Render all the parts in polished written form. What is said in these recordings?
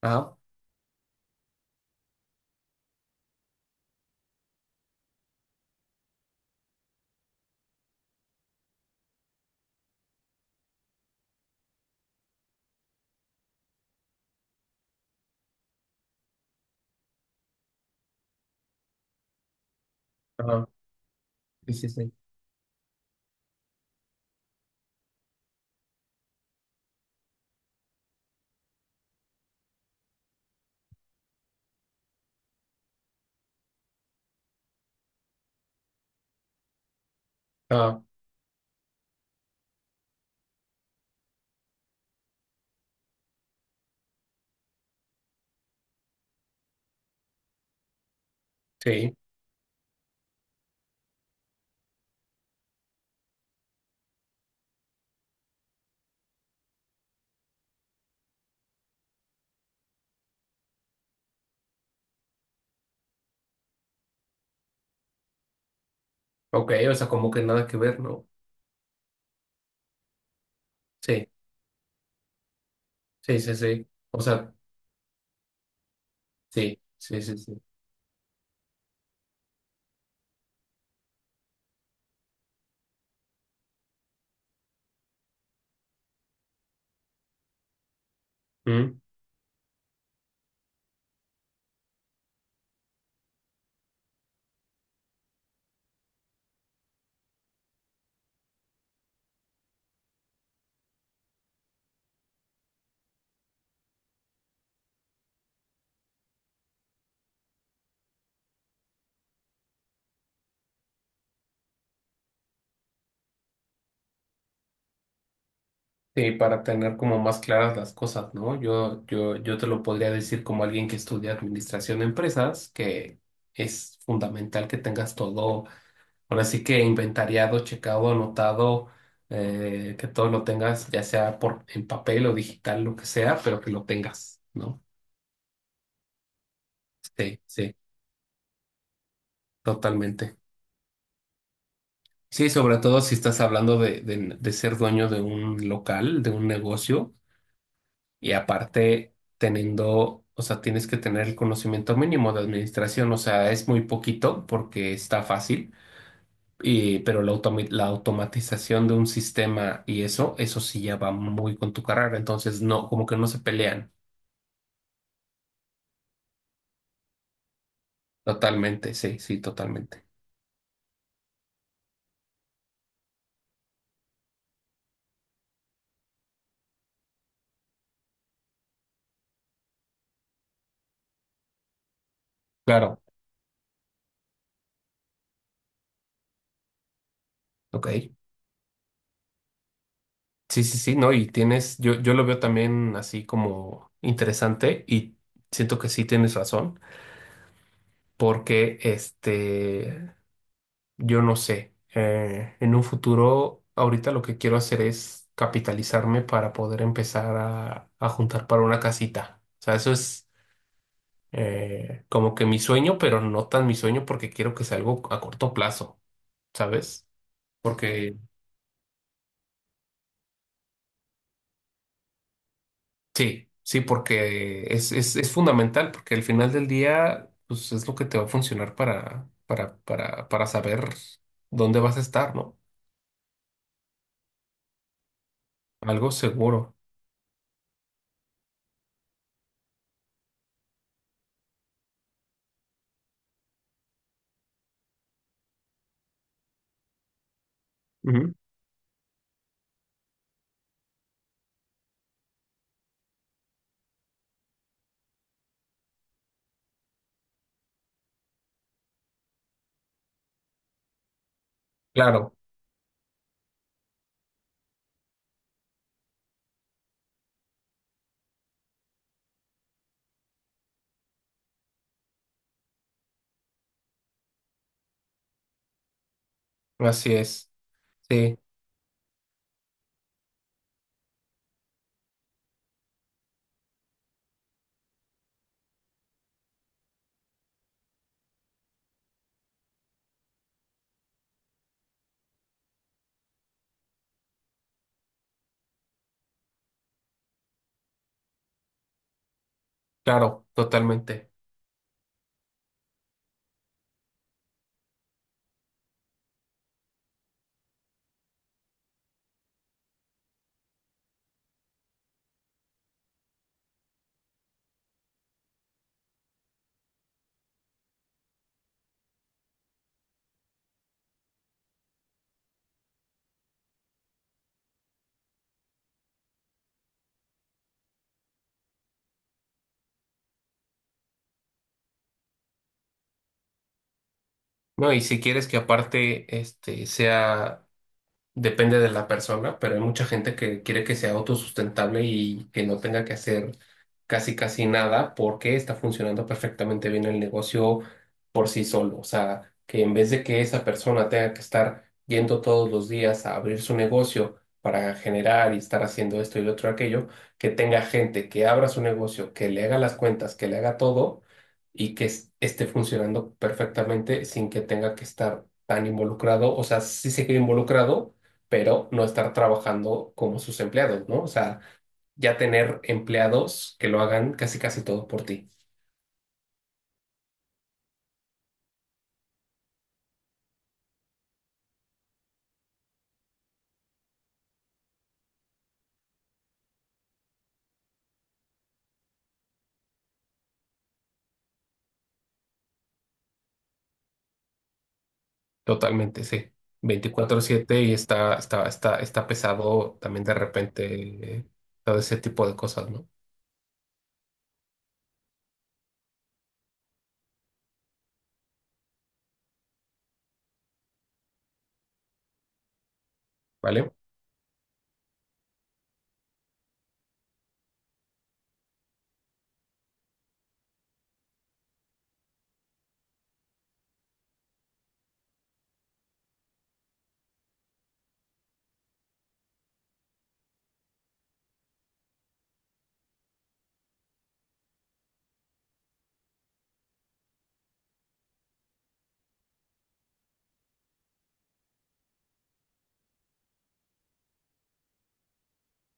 Ajá, ajá, sí, sí, sí. Ajá, sí, ok, o sea, como que nada que ver, ¿no? Sí, sí, sí, sí. O sea, sí, sí, sí, sí. Mm, sí, para tener como más claras las cosas, ¿no? Yo te lo podría decir como alguien que estudia administración de empresas, que es fundamental que tengas todo, ahora sí que inventariado, checado, anotado, que todo lo tengas, ya sea por en papel o digital, lo que sea, pero que lo tengas, ¿no? Sí, sí, totalmente. Sí, sobre todo si estás hablando de ser dueño de un local, de un negocio, y aparte teniendo, o sea, tienes que tener el conocimiento mínimo de administración, o sea, es muy poquito porque está fácil, y pero la automatización de un sistema y eso sí ya va muy con tu carrera, entonces no, como que no se pelean totalmente, sí, sí, totalmente. Claro, ok. Sí, sí, sí, no, y tienes, yo lo veo también así como interesante y siento que sí tienes razón, porque este, yo no sé, en un futuro, ahorita lo que quiero hacer es capitalizarme para poder empezar a juntar para una casita. O sea, eso es como que mi sueño, pero no tan mi sueño porque quiero que sea algo a corto plazo, ¿sabes? Porque sí, sí, porque es fundamental, porque al final del día, pues es lo que te va a funcionar para saber dónde vas a estar, ¿no? Algo seguro. Ujú. Claro, así es. Sí, claro, totalmente. No, y si quieres que aparte este sea. Depende de la persona, pero hay mucha gente que quiere que sea autosustentable y que no tenga que hacer casi casi nada porque está funcionando perfectamente bien el negocio por sí solo. O sea, que en vez de que esa persona tenga que estar yendo todos los días a abrir su negocio para generar y estar haciendo esto y lo otro aquello, que tenga gente que abra su negocio, que le haga las cuentas, que le haga todo y que esté funcionando perfectamente sin que tenga que estar tan involucrado. O sea, sí seguir involucrado, pero no estar trabajando como sus empleados, ¿no? O sea, ya tener empleados que lo hagan casi casi todo por ti. Totalmente, sí. 24/7 y está pesado también de repente, todo ese tipo de cosas, ¿no? ¿Vale?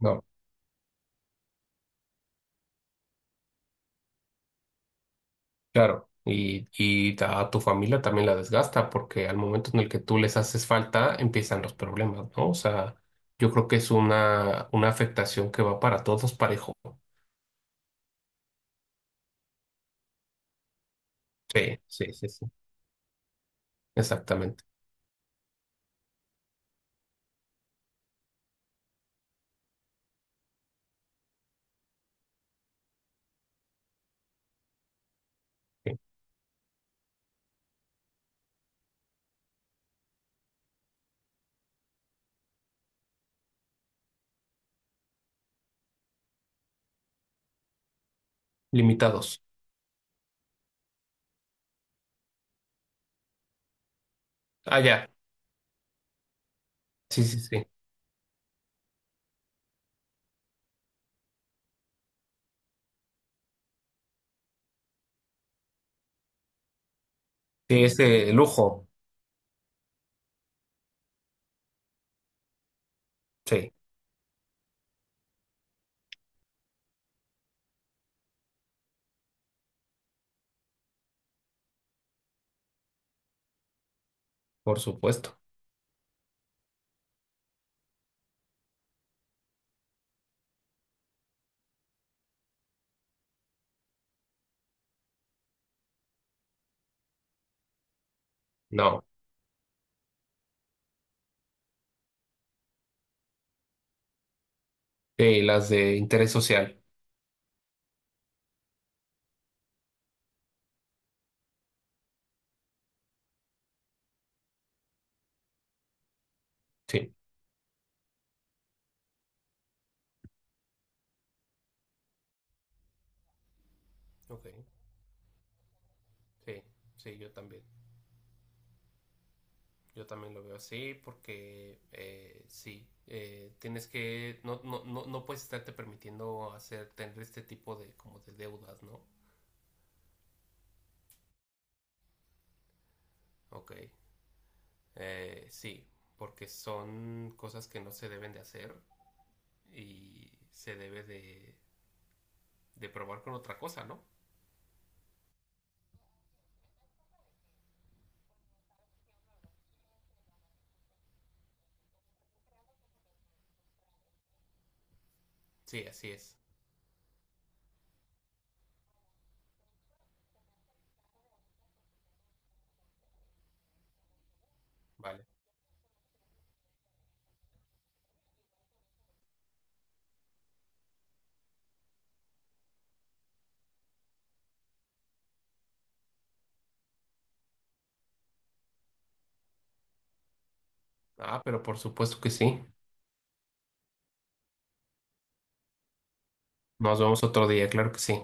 No, claro. Y a tu familia también la desgasta porque al momento en el que tú les haces falta empiezan los problemas, ¿no? O sea, yo creo que es una afectación que va para todos parejo. Sí, sí, sí, sí. Exactamente. Sí. Limitados. Ah, ya. Sí, sí, sí. Sí, es de lujo. Sí, por supuesto. No. Sí, las de interés social. Sí. Ok. Sí, sí, yo también. Yo también lo veo así porque sí, tienes que, no, no, no, no puedes estarte permitiendo hacer, tener este tipo de, como de deudas, ¿no? Ok. Sí, porque son cosas que no se deben de hacer y se debe de probar con otra cosa, ¿no? Sí, así es. Vale. Ah, pero por supuesto que sí. Nos vemos otro día, claro que sí.